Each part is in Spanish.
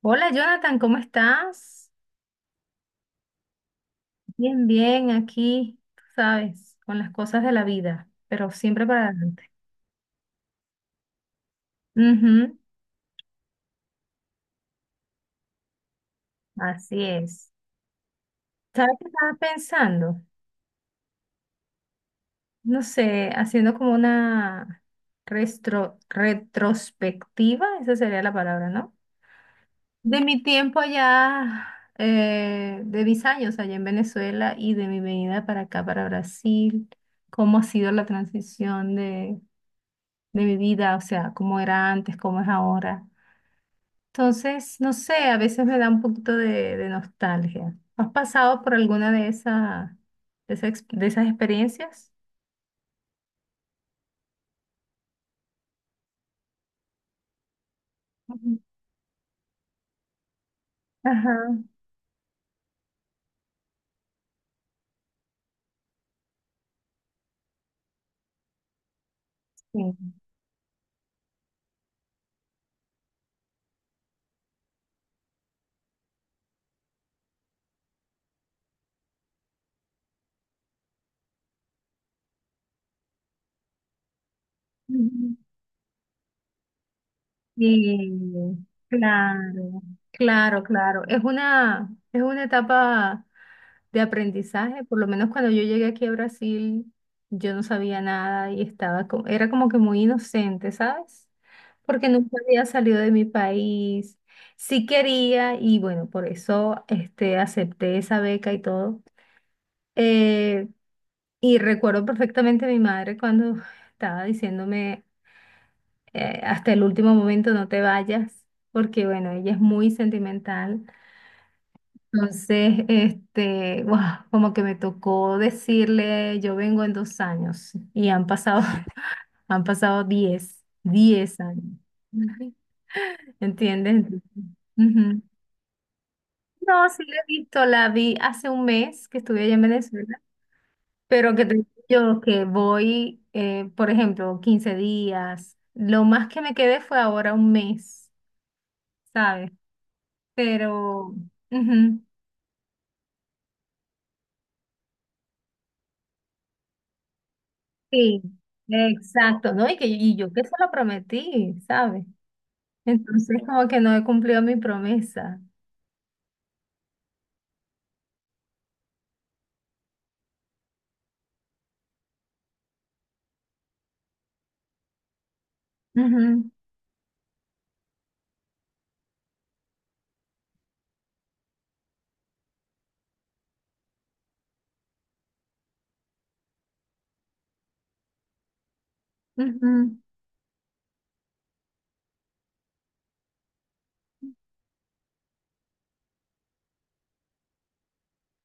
Hola Jonathan, ¿cómo estás? Bien, bien, aquí, tú sabes, con las cosas de la vida, pero siempre para adelante. Ujú, así es. ¿Sabes qué estaba pensando? No sé, haciendo como una retrospectiva, esa sería la palabra, ¿no? De mi tiempo allá, de mis años allá en Venezuela y de mi venida para acá, para Brasil. Cómo ha sido la transición de bebida, o sea, cómo era antes, cómo es ahora. Entonces, no sé, a veces me da un poquito de nostalgia. ¿Has pasado por alguna de esas, de esas experiencias? Ujú. Ajá, sí. Ujú. Sí, claro, claro, claro. Es una etapa de aprendizaje. Por lo menos cuando yo llegué aquí a Brasil, yo no sabía nada y estaba era como que muy inocente, ¿sabes? Porque nunca había salido de mi país. Sí quería y bueno, por eso este, acepté esa beca y todo. Eh, y recuerdo perfectamente a mi madre cuando estaba diciéndome hasta el último momento no te vayas, porque bueno, ella es muy sentimental. Entonces, este, guau, como que me tocó decirle, yo vengo en 2 años y han pasado, han pasado diez, 10 años. Ujú. ¿Entiendes? Entonces, ujú. No, sí la he visto, la vi hace un mes que estuve allá en Venezuela, pero que te digo yo que voy, por ejemplo, 15 días, lo más que me quedé fue ahora un mes, ¿sabes? Pero, ujú, sí, exacto, ¿no? Y que y yo que se lo prometí, ¿sabes? Entonces como que no he cumplido mi promesa. Ujú, ujú.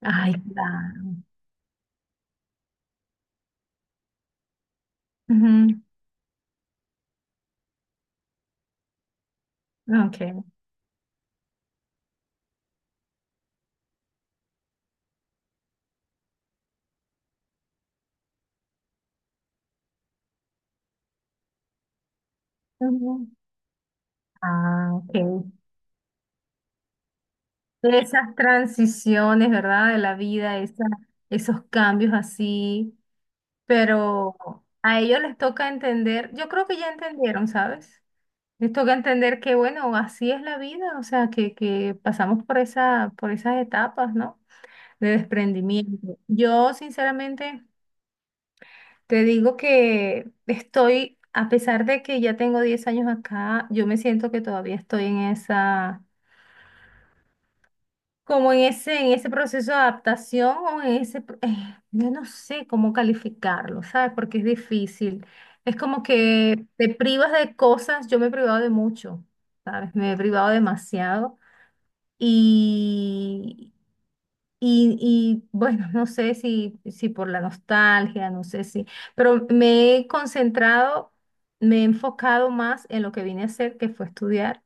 Ay, claro. Ujú, okay. Ujú. Ah, ok. Esas transiciones, ¿verdad? De la vida, esos cambios así, pero a ellos les toca entender. Yo creo que ya entendieron, ¿sabes? Les toca entender que, bueno, así es la vida, o sea, que pasamos por esas etapas, ¿no? De desprendimiento. Yo sinceramente te digo que estoy, a pesar de que ya tengo 10 años acá, yo me siento que todavía estoy en esa, como en ese proceso de adaptación, o yo no sé cómo calificarlo, ¿sabes? Porque es difícil. Es como que te privas de cosas, yo me he privado de mucho, ¿sabes? Me he privado demasiado. Y, bueno, no sé si por la nostalgia, no sé si, pero me he concentrado, me he enfocado más en lo que vine a hacer, que fue estudiar,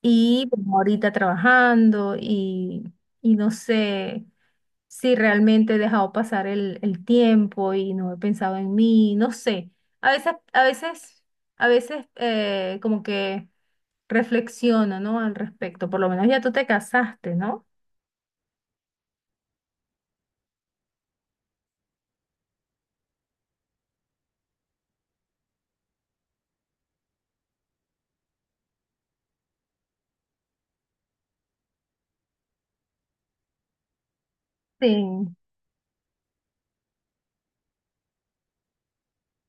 y como ahorita trabajando y no sé si realmente he dejado pasar el tiempo y no he pensado en mí, no sé. A veces, a veces, a veces, como que reflexiono, ¿no? Al respecto, por lo menos ya tú te casaste, ¿no? Sí.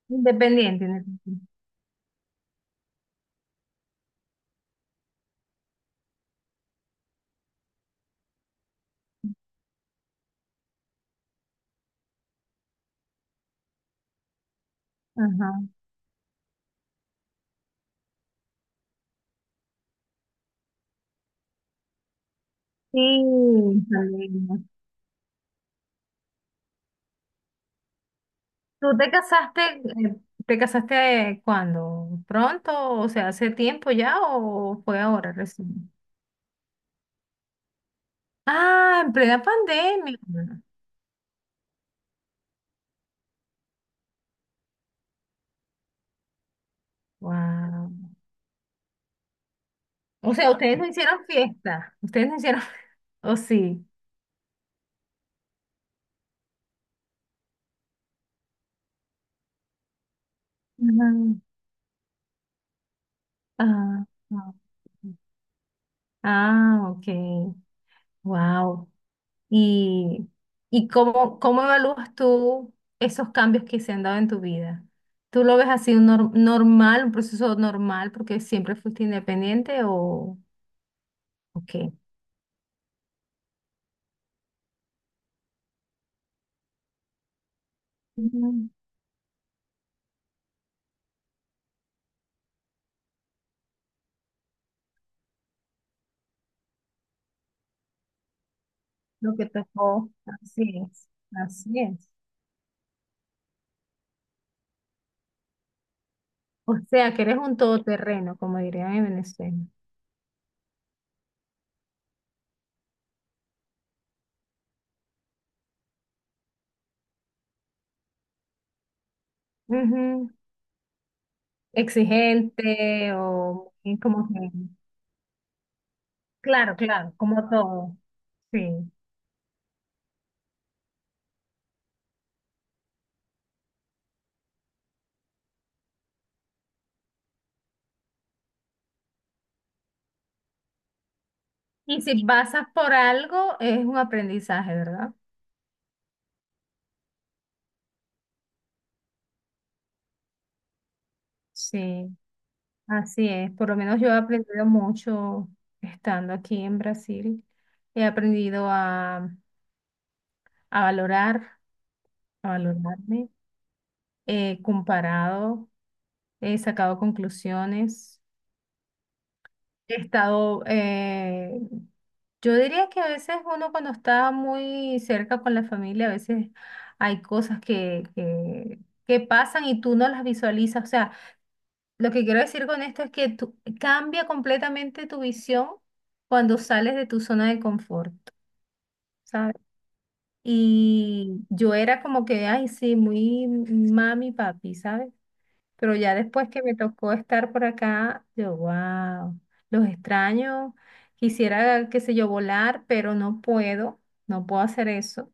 Independiente, independiente. Ajá. Sí, Salena. ¿Tú te casaste cuándo? ¿Pronto? O sea, ¿hace tiempo ya o fue ahora recién? Ah, en plena pandemia. Wow. O sea, ustedes no hicieron fiesta. Ustedes no hicieron. ¿O sí? Ajá. Ah, ah, ah, ok. Wow. ¿Y, y cómo evalúas tú esos cambios que se han dado en tu vida? ¿Tú lo ves así un normal, un proceso normal porque siempre fuiste independiente o qué? Ujú. Lo que tocó, así es, así es. O sea, que eres un todoterreno, como dirían en Venezuela. Ujú. ¿Exigente o muy como que...? Claro, claro, como todo. Sí. Y si pasas por algo, es un aprendizaje, ¿verdad? Sí, así es. Por lo menos yo he aprendido mucho estando aquí en Brasil. He aprendido a valorar, a valorarme. He comparado, he sacado conclusiones. He estado, yo diría que a veces uno cuando está muy cerca con la familia, a veces hay cosas que pasan y tú no las visualizas. O sea, lo que quiero decir con esto es que tú, cambia completamente tu visión cuando sales de tu zona de confort, ¿sabes? Y yo era como que, ay, sí, muy mami, papi, ¿sabes? Pero ya después que me tocó estar por acá, yo, wow, los extraño, quisiera, qué sé yo, volar, pero no puedo, no puedo hacer eso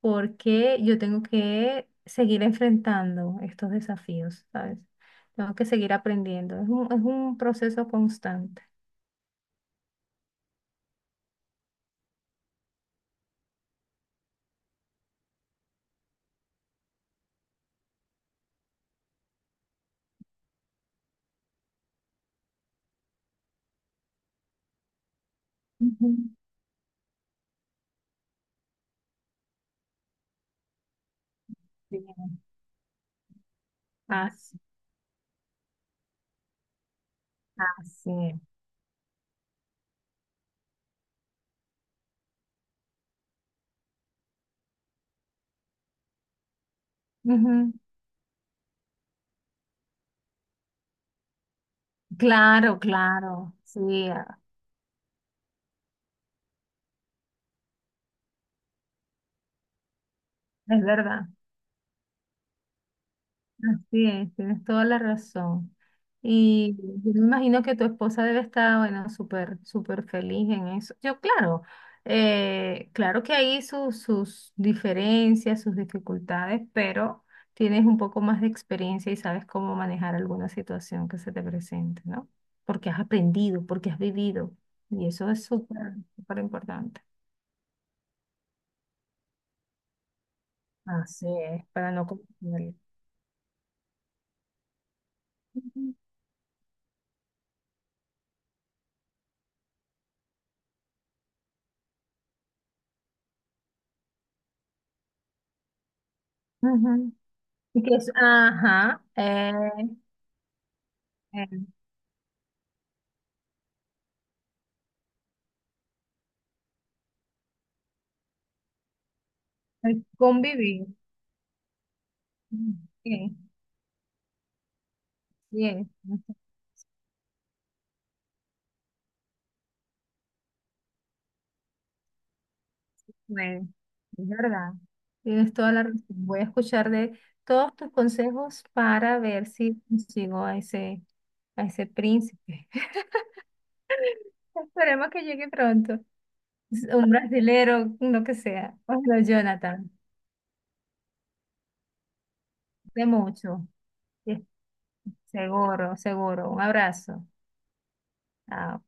porque yo tengo que seguir enfrentando estos desafíos, ¿sabes? Tengo que seguir aprendiendo. Es un proceso constante. Ujú. Sí. Así, así. Ujú. Claro, claro, sí, ah, es verdad. Así es, tienes toda la razón. Y yo me imagino que tu esposa debe estar, bueno, súper, súper feliz en eso. Yo, claro, claro que hay sus diferencias, sus dificultades, pero tienes un poco más de experiencia y sabes cómo manejar alguna situación que se te presente, ¿no? Porque has aprendido, porque has vivido. Y eso es súper, súper importante. Así es, para no confundir. Ujú. Ujú. Y que es, ajá, bien, el convivir. Bien, bien, no se puede. Es verdad. Tienes toda la razón. Voy a escuchar de todos tus consejos para ver si consigo a ese, príncipe. Esperemos que llegue pronto. Un brasilero, lo que sea. Hola, Jonathan. De mucho. Sí, seguro, seguro. Un abrazo. Chao.